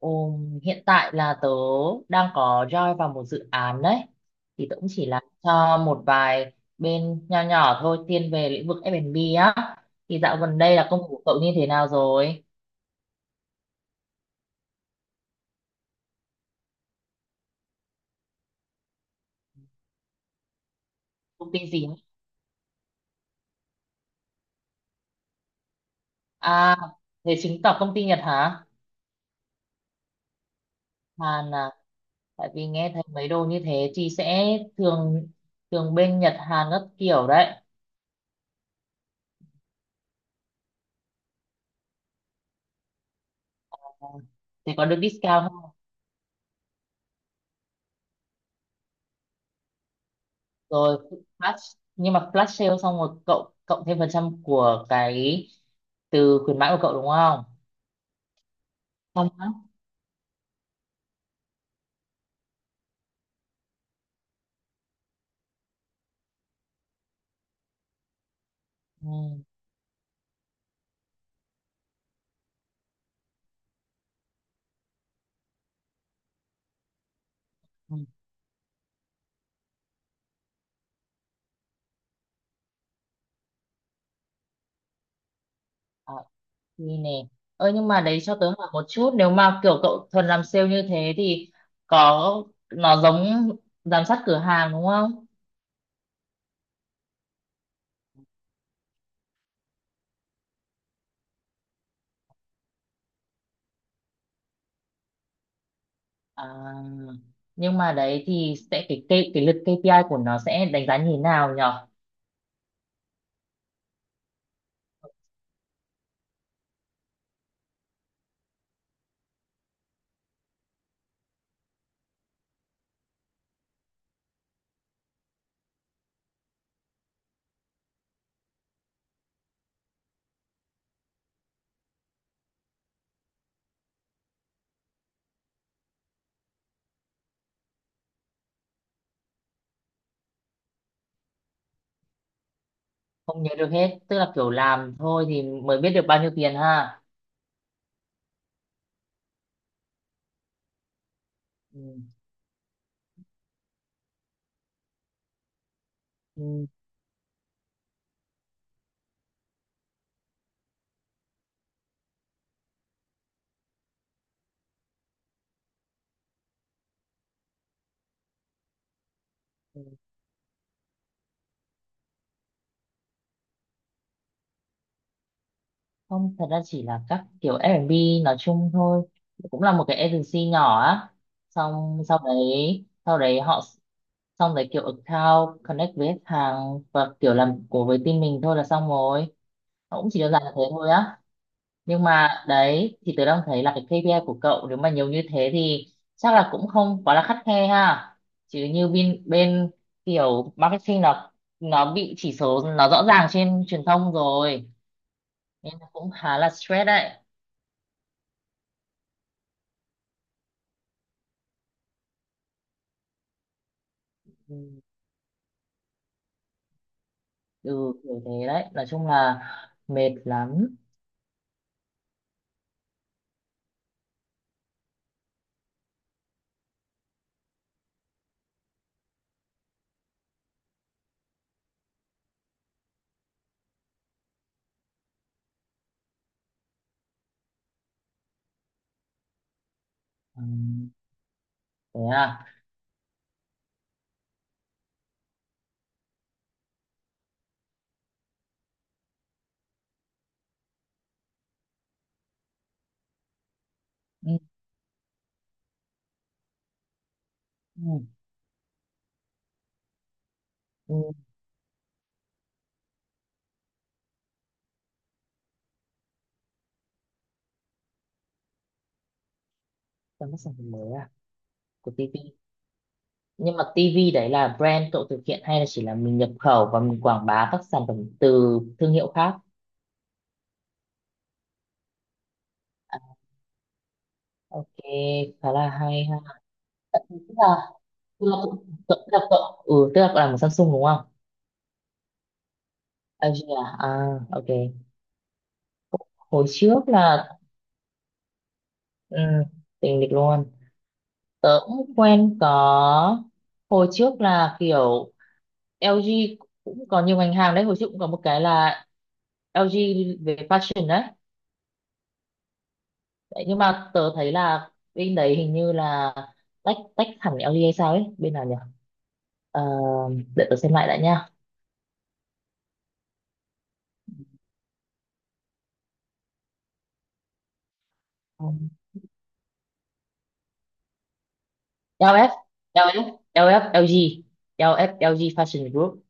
Hiện tại là tớ đang có join vào một dự án đấy. Thì tớ cũng chỉ làm cho một vài bên nho nhỏ thôi, thiên về lĩnh vực F&B á. Thì dạo gần đây là công việc của cậu như thế nào rồi? Công ty gì? À, thế chứng tỏ công ty Nhật hả? Hàn à? Tại vì nghe thấy mấy đồ như thế thì sẽ thường thường bên Nhật Hàn các kiểu đấy. Thì có được discount không? Rồi, flash nhưng mà flash sale xong rồi cậu cộng thêm phần trăm của cái từ khuyến mãi của cậu đúng không? Không á? Ừ. Ừ. À, thì nè ơi, nhưng mà đấy, cho tớ hỏi một chút, nếu mà kiểu cậu thuần làm sale như thế thì có, nó giống giám sát cửa hàng đúng không? À, nhưng mà đấy thì sẽ cái lượt KPI của nó sẽ đánh giá như thế nào nhở? Không nhớ được hết, tức là kiểu làm thôi thì mới biết được bao nhiêu tiền ha. Ừ. Ừ. Ừ. Không, thật ra chỉ là các kiểu F&B nói chung thôi, cũng là một cái agency nhỏ á. Xong sau đấy họ, xong đấy kiểu account connect với khách hàng và kiểu làm của với team mình thôi là xong rồi. Nó cũng chỉ đơn giản là thế thôi á. Nhưng mà đấy thì tớ đang thấy là cái KPI của cậu nếu mà nhiều như thế thì chắc là cũng không quá là khắt khe ha. Chứ như bên bên kiểu marketing nó bị chỉ số nó rõ ràng trên truyền thông rồi. Em cũng khá là stress đấy. Ừ, ừ, kiểu thế đấy. Nói chung là mệt lắm. Ừ, thế à. Ừ, ừ, ừ. Tấm sản phẩm mới à? Của TV. Nhưng mà TV đấy là brand cậu thực hiện hay là chỉ là mình nhập khẩu và mình quảng bá các sản phẩm từ thương hiệu khác? À, ok, khá là hay ha. Tức là, tức là, cậu- cậu- tức là, cậu- ừ, Tức là cậu làm một Samsung đúng không? LG à? À, ok. Hồi trước là ừ, tình địch luôn. Tớ cũng quen có, hồi trước là kiểu LG cũng có nhiều ngành hàng đấy. Hồi trước cũng có một cái là LG về fashion đấy. Đấy, nhưng mà tớ thấy là bên đấy hình như là tách tách hẳn LG hay sao ấy, bên nào nhỉ. Ờ, để tớ xem lại đã nha. LF LF LF LG LF LG Fashion Group.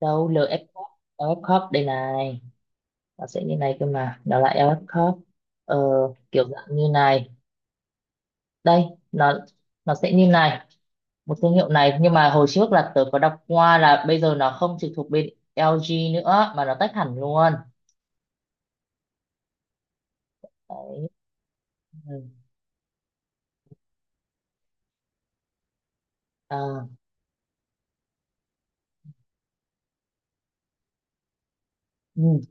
LF Corp, LF Corp đây này, nó sẽ như này, cơ mà nó là LF Corp. Ờ, kiểu dạng như này đây. nó nó sẽ như này, một thương hiệu này, nhưng mà hồi trước là tớ có đọc qua là bây giờ nó không trực thuộc bên LG nữa mà nó tách hẳn luôn. Đấy. Ừ. À, ừ.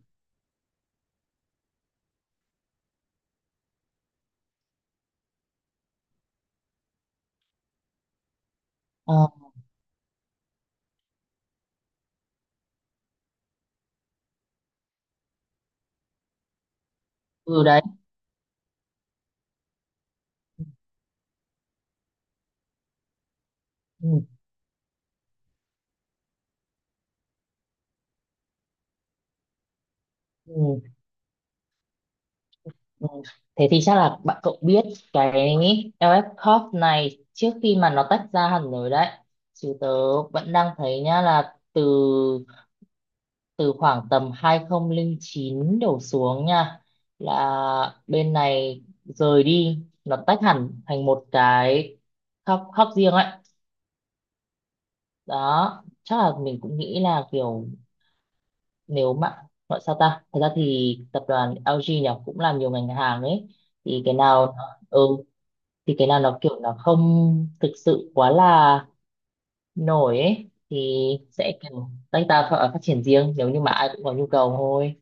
À, ừ đấy. Ừ. Ừ. Ừ. Thế thì chắc là bạn cậu biết cái LF Corp này trước khi mà nó tách ra hẳn rồi đấy. Chứ tớ vẫn đang thấy nhá, là từ từ khoảng tầm 2009 đổ xuống nha, là bên này rời đi, nó tách hẳn thành một cái khớp khớp riêng ấy. Đó, chắc là mình cũng nghĩ là kiểu, nếu mà gọi sao ta, thật ra thì tập đoàn LG nhỉ, cũng làm nhiều ngành hàng ấy. Thì cái nào, ừ, thì cái nào nó kiểu nó không thực sự quá là nổi ấy thì sẽ kiểu tách ra và phát triển riêng, nếu như mà ai cũng có nhu cầu thôi.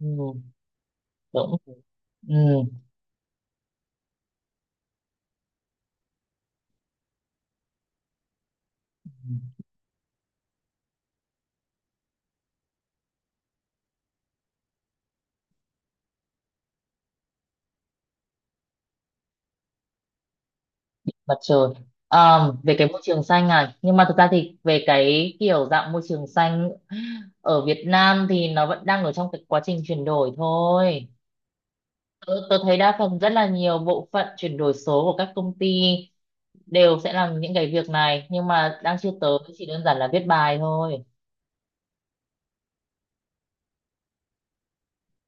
Ừ, đúng. Ừ, mặt trời. Ờ, về cái môi trường xanh này, nhưng mà thực ra thì về cái kiểu dạng môi trường xanh ở Việt Nam thì nó vẫn đang ở trong cái quá trình chuyển đổi thôi. Tôi thấy đa phần rất là nhiều bộ phận chuyển đổi số của các công ty đều sẽ làm những cái việc này nhưng mà đang chưa tới, chỉ đơn giản là viết bài thôi.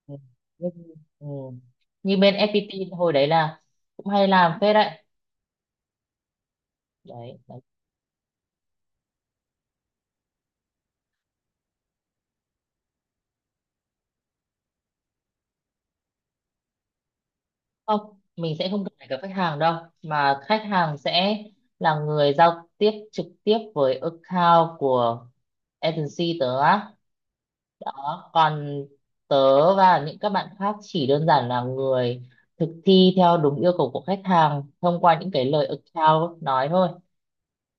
Ừ. Nhưng- ừ. Như bên FPT hồi đấy là cũng hay làm phết đấy. Đấy, đấy. Không, mình sẽ không cần phải gặp khách hàng đâu, mà khách hàng sẽ là người giao tiếp trực tiếp với account của agency tớ á. Đó, còn tớ và những các bạn khác chỉ đơn giản là người thực thi theo đúng yêu cầu của khách hàng thông qua những cái lời account nói thôi.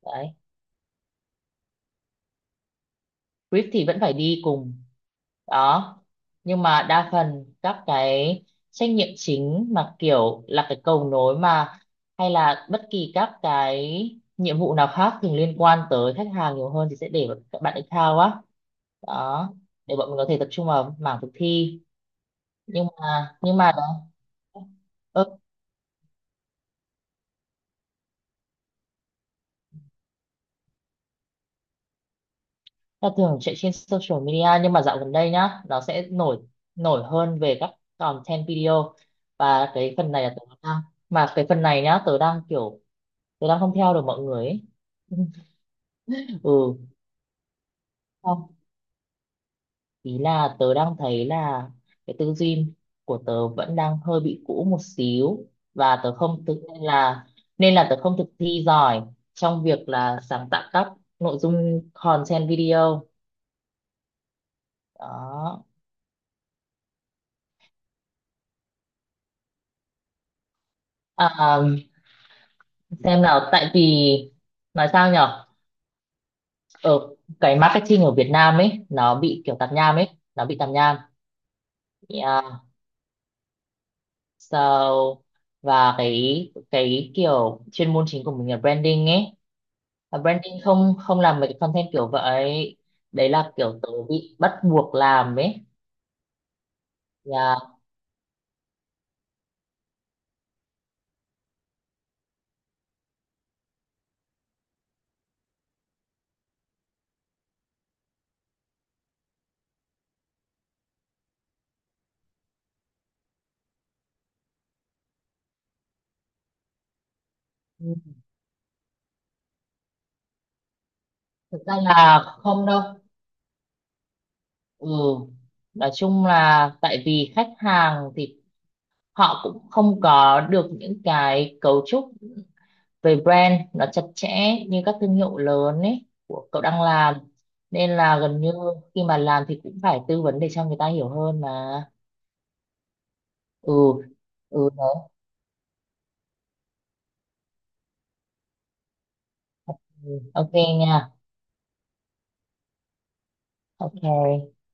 Đấy, brief thì vẫn phải đi cùng. Đó, nhưng mà đa phần các cái trách nhiệm chính mà kiểu là cái cầu nối mà, hay là bất kỳ các cái nhiệm vụ nào khác thường liên quan tới khách hàng nhiều hơn thì sẽ để vào các bạn account á. Đó, để bọn mình có thể tập trung vào mảng thực thi. Nhưng mà đó. Ơ, ta thường chạy trên social media, nhưng mà dạo gần đây nhá nó sẽ nổi nổi hơn về các content video. Và cái phần này là tớ đang, mà cái phần này nhá, tớ đang không theo được mọi người ấy. ừ, không, ý là tớ đang thấy là cái tư duy của tớ vẫn đang hơi bị cũ một xíu, và tớ không tự nên là, nên là tớ không thực thi giỏi trong việc là sáng tạo các nội dung content video. Đó. À, xem nào, tại vì nói sao nhở, ở cái marketing ở Việt Nam ấy nó bị kiểu tạp nham ấy, nó bị tạp nham. Yeah. So, và cái kiểu chuyên môn chính của mình là branding ấy, và branding không không làm mấy cái content kiểu vậy, đấy là kiểu tớ bị bắt buộc làm ấy. Yeah. Thực ra là không đâu. Ừ, nói chung là tại vì khách hàng thì họ cũng không có được những cái cấu trúc về brand nó chặt chẽ như các thương hiệu lớn ấy của cậu đang làm. Nên là gần như khi mà làm thì cũng phải tư vấn để cho người ta hiểu hơn mà. Ừ. Ừ đấy. Ừ. Ok. Nha. Ok.